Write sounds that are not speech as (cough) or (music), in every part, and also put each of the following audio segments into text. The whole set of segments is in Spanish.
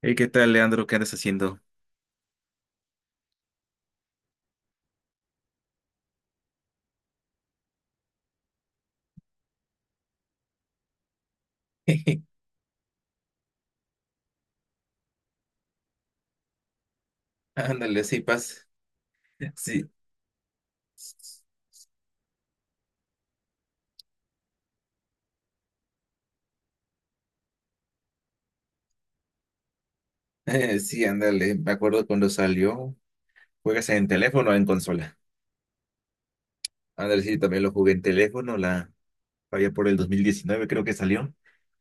Hey, ¿qué tal, Leandro? ¿Qué andas haciendo? Ándale, sí, pasa. Sí, (laughs) sí, ándale. Me acuerdo cuando salió. ¿Juegas en teléfono o en consola? Ándale, sí, también lo jugué en teléfono. La había por el 2019, creo que salió.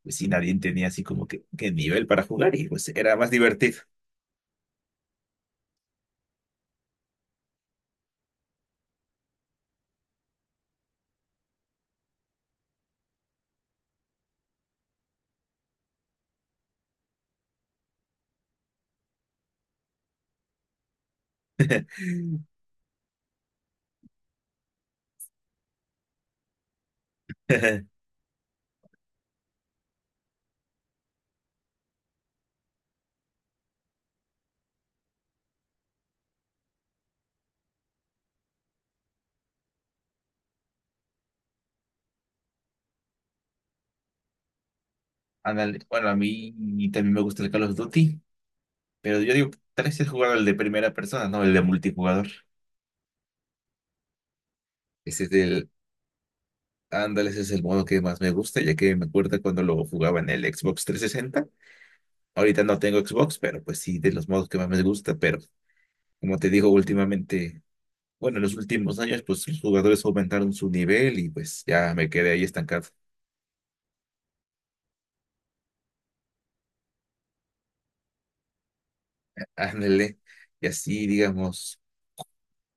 Pues sí, nadie tenía así como que nivel para jugar y pues era más divertido. (laughs) Ándale, bueno, a mí también me gusta el Call of Duty, pero yo digo, tal vez es jugar el de primera persona, no el de multijugador. Ese es el, ándale, ese es el modo que más me gusta, ya que me acuerdo cuando lo jugaba en el Xbox 360. Ahorita no tengo Xbox, pero pues sí, de los modos que más me gusta. Pero como te digo, últimamente, bueno, en los últimos años, pues los jugadores aumentaron su nivel y pues ya me quedé ahí estancado. (laughs) Ándale, y así, digamos,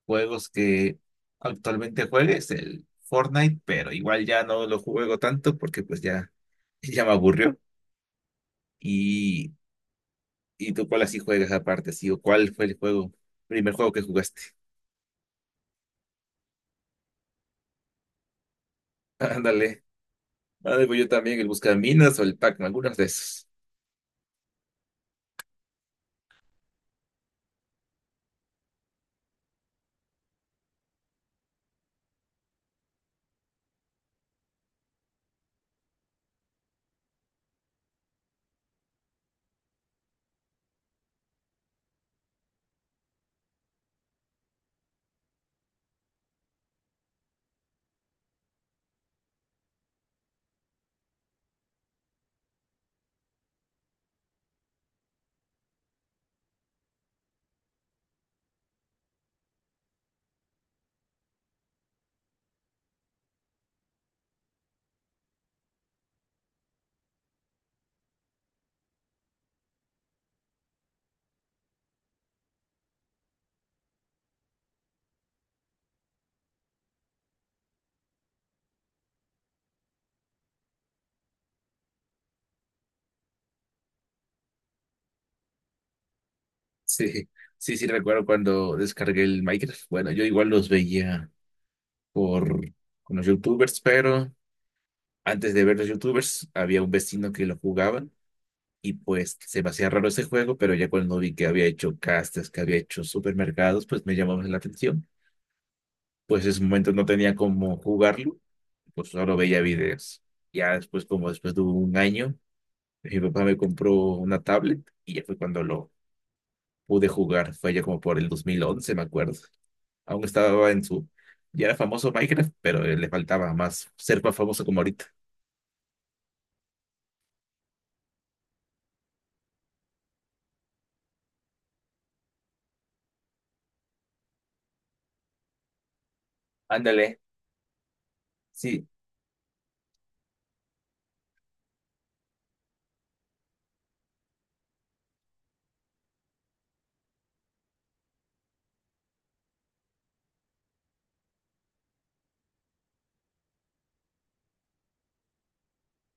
juegos que actualmente juegues, el Fortnite, pero igual ya no lo juego tanto porque pues ya, ya me aburrió. Y, ¿Y tú cuál así juegas aparte, sí? ¿O cuál fue el juego, primer juego que jugaste? Ándale, ándale, pues yo también, el Buscaminas o el Pac-Man, algunas de esas. Sí, sí, sí, recuerdo cuando descargué el Minecraft. Bueno, yo igual los veía por con los YouTubers, pero antes de ver los YouTubers había un vecino que lo jugaban y pues se me hacía raro ese juego, pero ya cuando vi que había hecho castas, que había hecho supermercados, pues me llamó la atención. Pues en ese momento no tenía cómo jugarlo, pues solo veía videos. Ya después, como después de un año, mi papá me compró una tablet y ya fue cuando lo pude jugar. Fue ya como por el 2011 me acuerdo. Aún estaba en su... Ya era famoso Minecraft, pero le faltaba más ser más famoso como ahorita. Ándale, sí,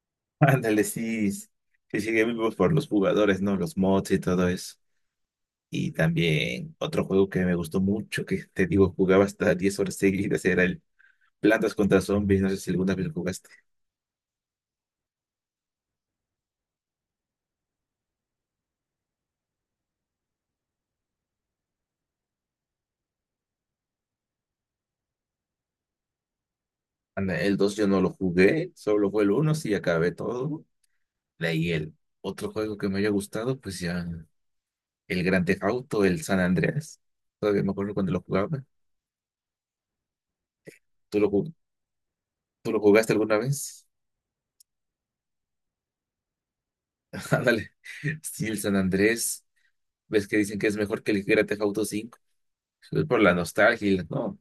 (laughs) ándale, sí. Sí, sigue vivo por los jugadores, ¿no? Los mods y todo eso. Y también otro juego que me gustó mucho, que te digo, jugaba hasta 10 horas seguidas, era el Plantas contra Zombies. No sé si alguna vez lo jugaste. Anda, el 2 yo no lo jugué, solo fue el uno sí, acabé todo. De ahí el otro juego que me haya gustado, pues ya. El Grand Theft Auto, el San Andreas. Todavía me acuerdo cuando lo jugaba. ¿Tú lo, tú lo jugaste alguna vez? (laughs) Ándale. Sí, el San Andrés. ¿Ves que dicen que es mejor que el Grand Theft Auto 5? Es por la nostalgia, y la- ¿no?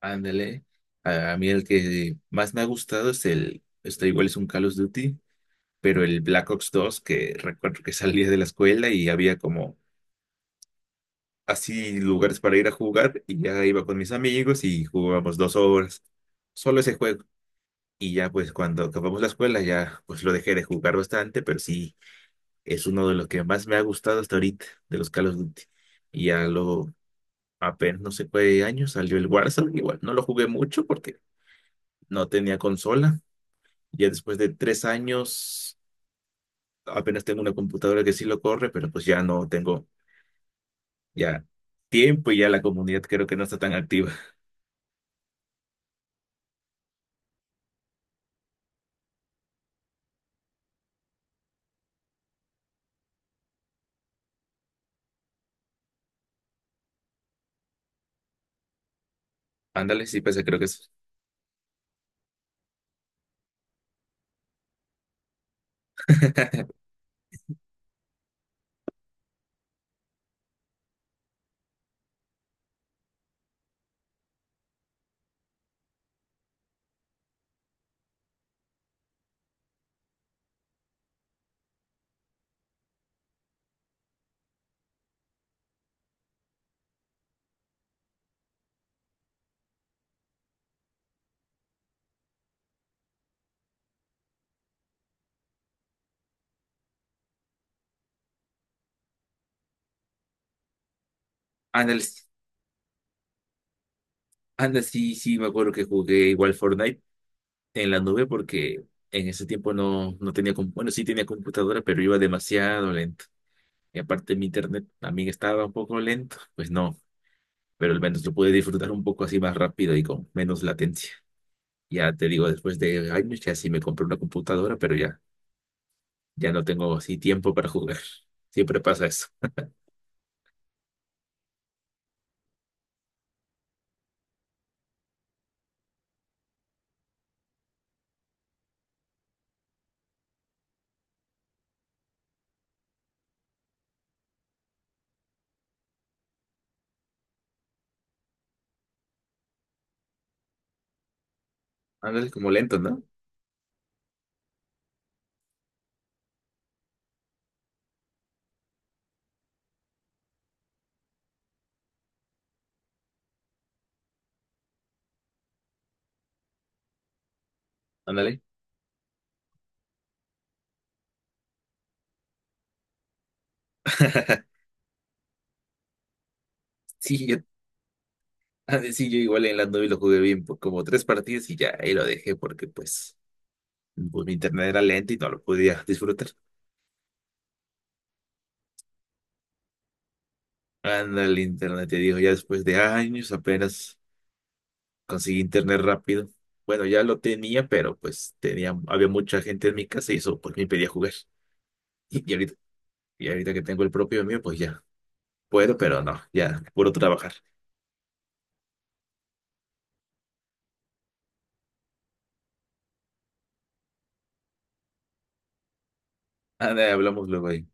Ándale. A mí el que más me ha gustado es el, esto igual es un Call of Duty, pero el Black Ops dos, que recuerdo que salía de la escuela y había como así lugares para ir a jugar y ya iba con mis amigos y jugábamos dos horas. Solo ese juego. Y ya pues cuando acabamos la escuela ya pues lo dejé de jugar bastante, pero sí es uno de los que más me ha gustado hasta ahorita, de los Call of Duty. Y ya lo, apenas no sé qué año salió el Warzone, igual no lo jugué mucho porque no tenía consola. Ya después de 3 años apenas tengo una computadora que sí lo corre, pero pues ya no tengo ya tiempo y ya la comunidad creo que no está tan activa. Ándale, sí, pasa creo que es. (laughs) Ándale, sí, ándale, sí, sí, me acuerdo que jugué igual Fortnite en la nube porque en ese tiempo no, no tenía, com- bueno, sí tenía computadora, pero iba demasiado lento. Y aparte mi internet también estaba un poco lento, pues no, pero al menos lo pude disfrutar un poco así más rápido y con menos latencia. Ya te digo, después de años ya sí me compré una computadora, pero ya, ya no tengo así tiempo para jugar. Siempre pasa eso. Ándale, como lento, ¿no? Ándale. (laughs) Sí, yo, ah, sí, yo igual en la nube lo jugué bien por como 3 partidas y ya ahí lo dejé porque pues, pues mi internet era lento y no lo podía disfrutar. Anda el internet, te digo, ya después de años apenas conseguí internet rápido. Bueno, ya lo tenía, pero pues tenía, había mucha gente en mi casa y eso pues me impedía jugar. (laughs) Y, ahorita, y ahorita que tengo el propio mío, pues ya puedo, pero no, ya puro trabajar. Anda, hablamos luego ahí.